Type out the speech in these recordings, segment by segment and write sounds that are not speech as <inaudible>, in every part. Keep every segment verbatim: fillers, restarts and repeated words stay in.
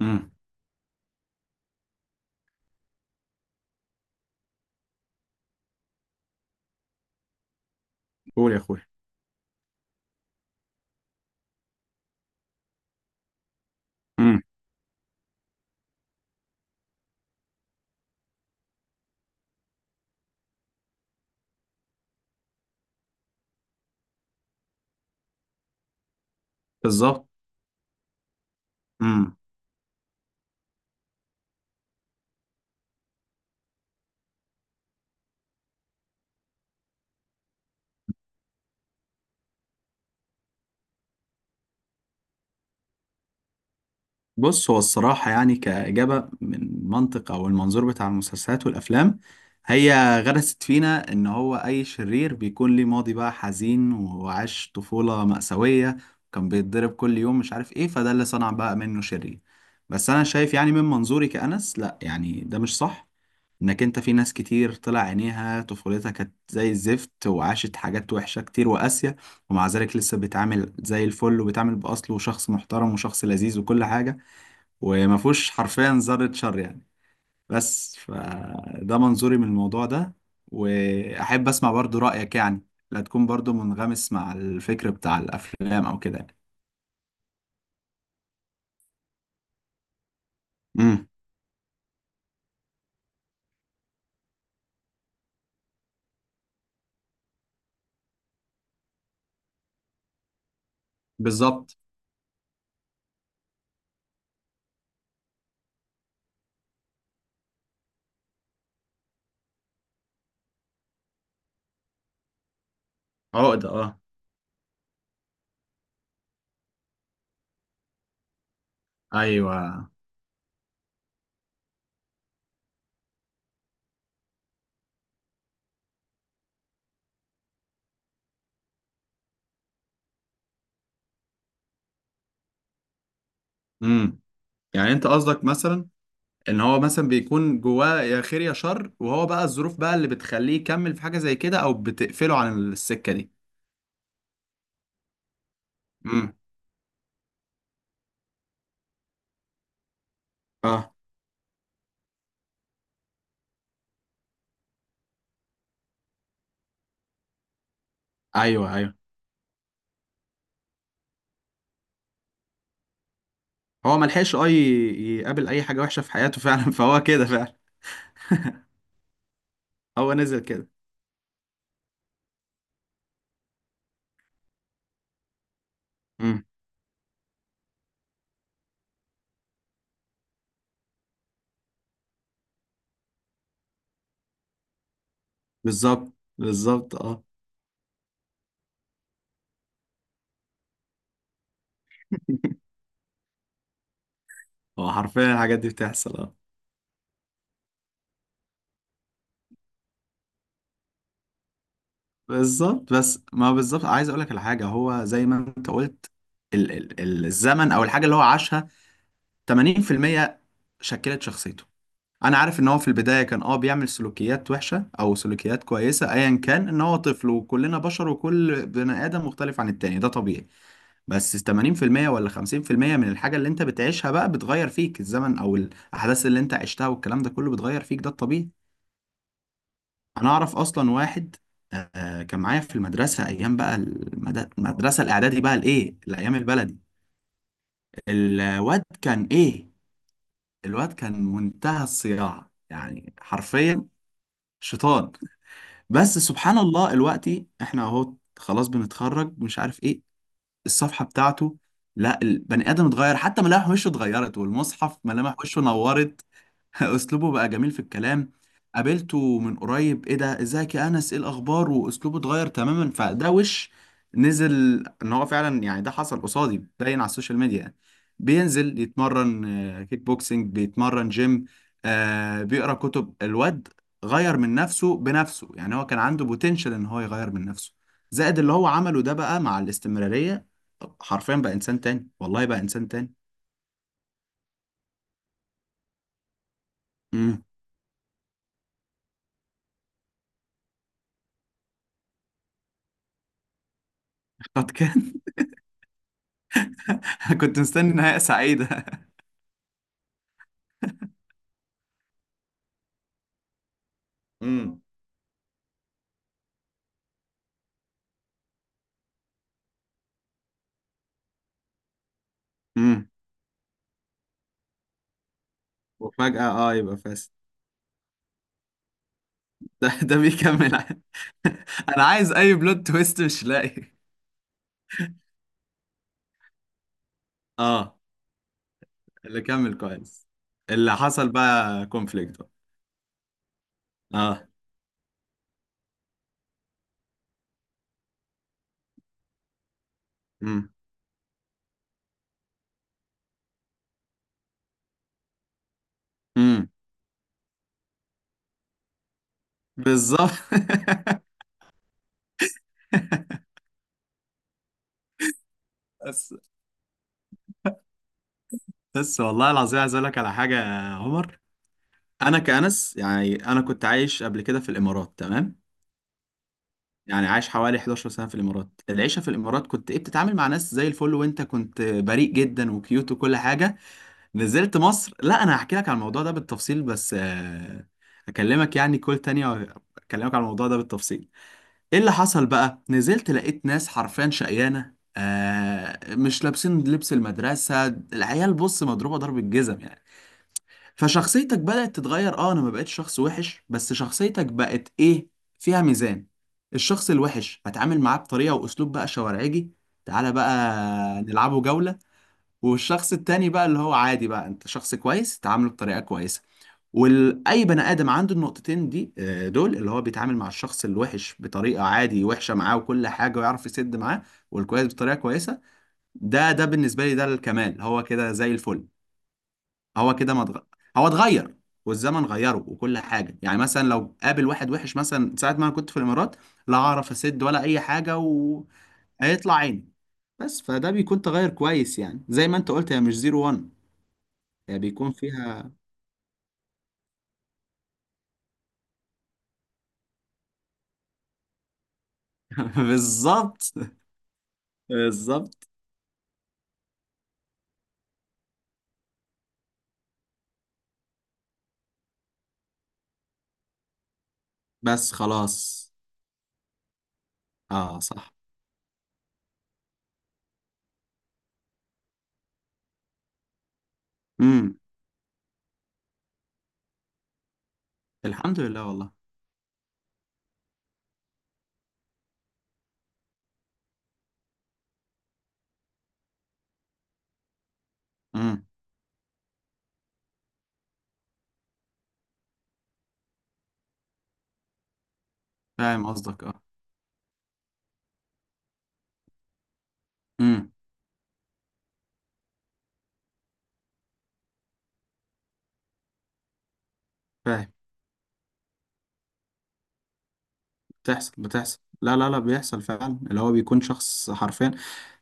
امم. قول يا اخويا. امم. بالظبط. امم. بص، هو الصراحه يعني، كاجابه من منطق او المنظور بتاع المسلسلات والافلام، هي غرست فينا ان هو اي شرير بيكون ليه ماضي بقى حزين، وعاش طفوله مأساويه وكان بيتضرب كل يوم، مش عارف ايه، فده اللي صنع بقى منه شرير. بس انا شايف يعني من منظوري كأنس، لا يعني ده مش صح. انك انت في ناس كتير طلع عينيها، طفولتها كانت زي الزفت وعاشت حاجات وحشة كتير وقاسية، ومع ذلك لسه بيتعامل زي الفل وبيتعامل بأصله، وشخص محترم وشخص لذيذ وكل حاجة، وما فيهوش حرفيا ذرة شر يعني. بس فده منظوري من الموضوع ده، وأحب أسمع برضو رأيك يعني، لا تكون برضو منغمس مع الفكر بتاع الأفلام أو كده يعني. امم. بالظبط. عقدة، اه. أيوه. امم. يعني أنت قصدك مثلا ان هو مثلا بيكون جواه يا خير يا شر، وهو بقى الظروف بقى اللي بتخليه يكمل في حاجه زي كده او بتقفله عن السكه دي. امم. اه، ايوه ايوه. هو ما لحقش اه ي- يقابل اي حاجه وحشه في حياته فعلا <laughs> فهو كده فعلا. هو نزل كده. امم. بالظبط بالظبط، اه. هو حرفيا الحاجات دي بتحصل، اه. بالظبط، بس ما بالظبط، عايز اقول لك على حاجه، هو زي ما انت قلت، ال ال ال- الزمن او الحاجه اللي هو عاشها ثمانين في المية شكلت شخصيته. انا عارف ان هو في البدايه كان اه بيعمل سلوكيات وحشه او سلوكيات كويسه، ايا كان، ان هو طفل وكلنا بشر وكل بني ادم مختلف عن التاني، ده طبيعي. بس ثمانين في المية ولا خمسين في المية من الحاجه اللي انت بتعيشها بقى بتغير فيك، الزمن او الاحداث اللي انت عشتها والكلام ده كله بتغير فيك، ده الطبيعي. انا اعرف اصلا واحد، آه، كان معايا في المدرسه، ايام بقى المد- المدرسه الاعدادي بقى، الايه، الايام البلدي. الواد كان ايه، الواد كان منتهى الصياعه يعني، حرفيا شيطان. بس سبحان الله دلوقتي احنا اهو، خلاص بنتخرج، مش عارف ايه الصفحة بتاعته، لا، البني آدم اتغير، حتى ملامح وشه اتغيرت، والمصحف ملامح وشه نورت. <laughs> أسلوبه بقى جميل في الكلام، قابلته من قريب: إيه ده، إزيك يا أنس، إيه الأخبار، وأسلوبه اتغير تماما، فده وش نزل. إن هو فعلا يعني، ده حصل قصادي، باين على السوشيال ميديا يعني، بينزل يتمرن، آه، كيك بوكسينج، بيتمرن جيم، آه، بيقرأ كتب. الواد غير من نفسه بنفسه يعني، هو كان عنده بوتنشال إن هو يغير من نفسه، زائد اللي هو عمله ده بقى مع الاستمرارية. حرفيا بقى انسان تاني، والله بقى انسان تاني. امم. قد كان. <laughs> كنت مستني نهاية سعيدة. امم. <laughs> امم. وفجأة اه يبقى فاسد. <laughs> ده ده بيكمل ع- <laughs> انا عايز اي بلوت تويست، مش لاقي. <laughs> اه، اللي كمل كويس. اللي حصل بقى كونفليكت. اه. امم. امم. بالظبط. <laughs> بس. بس والله العظيم عايز اقول لك على حاجة يا عمر. انا كأنس يعني، انا كنت عايش قبل كده في الامارات، تمام؟ يعني عايش حوالي حداشر سنة في الإمارات. العيشة في الإمارات كنت إيه، بتتعامل مع ناس زي الفل، وأنت كنت بريء جدا وكيوت وكل حاجة. نزلت مصر، لا، أنا هحكي لك على الموضوع ده بالتفصيل، بس آه، أكلمك يعني كل تانية، أكلمك على الموضوع ده بالتفصيل. إيه اللي حصل بقى، نزلت لقيت ناس حرفيا شقيانة، آه، مش لابسين لبس المدرسة، العيال بص مضروبة ضرب الجزم يعني. فشخصيتك بدأت تتغير، اه، انا ما بقتش شخص وحش، بس شخصيتك بقت ايه، فيها ميزان. الشخص الوحش هتعامل معاه بطريقة واسلوب بقى شوارعجي، تعالى بقى نلعبه جولة. والشخص التاني بقى اللي هو عادي، بقى انت شخص كويس، تعامله بطريقة كويسة. واي بني ادم عنده النقطتين دي، آه، دول اللي هو بيتعامل مع الشخص الوحش بطريقة عادي وحشة معاه وكل حاجة ويعرف يسد معاه، والكويس بطريقة كويسة. ده ده بالنسبة لي ده الكمال، هو كده زي الفل. هو كده ما اتغ... هو اتغير، والزمن غيره وكل حاجه يعني. مثلا لو قابل واحد وحش، مثلا ساعه ما انا كنت في الامارات، لا اعرف اسد ولا اي حاجه وهيطلع عيني. بس فده بيكون تغير كويس يعني، زي ما انت قلت، هي مش زيرو وان، هي بيكون فيها. <laughs> بالظبط بالظبط. بس خلاص. اه صح. امم. الحمد لله والله. امم. فاهم قصدك، اه. امم. فاهم. بتحصل بتحصل، لا لا لا، بيحصل فعلا، اللي هو بيكون شخص حرفيا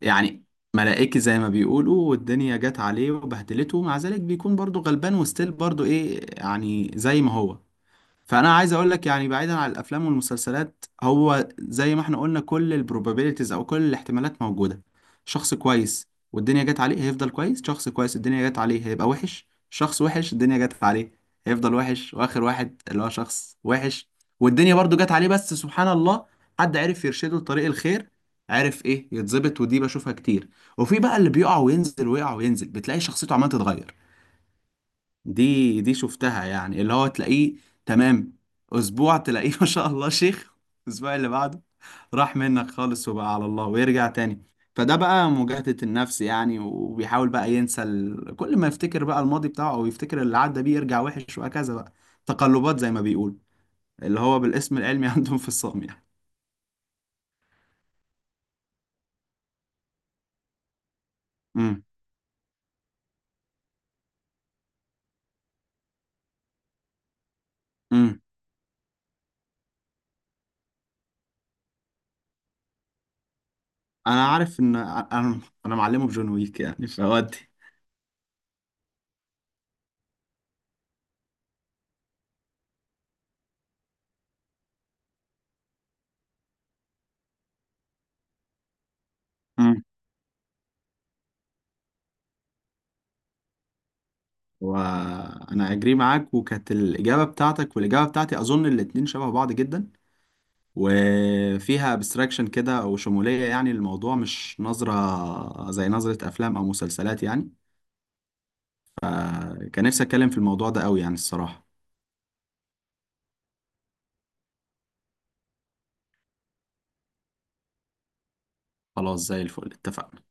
يعني ملائكي زي ما بيقولوا، والدنيا جت عليه وبهدلته، ومع ذلك بيكون برضو غلبان وستيل برضو ايه يعني زي ما هو. فانا عايز اقول لك يعني، بعيدا عن الافلام والمسلسلات، هو زي ما احنا قلنا، كل البروبابيلتيز او كل الاحتمالات موجوده. شخص كويس والدنيا جت عليه هيفضل كويس، شخص كويس الدنيا جت عليه هيبقى وحش، شخص وحش الدنيا جت عليه هيفضل وحش، واخر واحد اللي هو شخص وحش والدنيا برضو جت عليه، بس سبحان الله حد عرف يرشده لطريق الخير، عرف ايه يتظبط، ودي بشوفها كتير. وفي بقى اللي بيقع وينزل ويقع وينزل، بتلاقي شخصيته عمالة تتغير. دي دي شفتها يعني، اللي هو تلاقيه تمام اسبوع، تلاقيه <laughs> ما شاء الله شيخ، الاسبوع اللي بعده راح منك خالص وبقى على الله، ويرجع تاني. فده بقى مجاهدة النفس يعني، وبيحاول بقى ينسى ال... كل ما يفتكر بقى الماضي بتاعه، او يفتكر اللي عدى بيه يرجع وحش وهكذا بقى. تقلبات، زي ما بيقول، اللي هو بالاسم العلمي <laughs> عندهم في الصام يعني. امم. امم. انا عارف ان انا انا معلمه بجون ويك يعني، فودي. امم. وانا اجري معاك، وكانت الاجابه بتاعتك والاجابه بتاعتي، اظن الاتنين شبه بعض جدا، وفيها ابستراكشن كده او شموليه يعني. الموضوع مش نظره زي نظره افلام او مسلسلات يعني، كان نفسي اتكلم في الموضوع ده قوي يعني الصراحه. خلاص زي الفل، اتفقنا.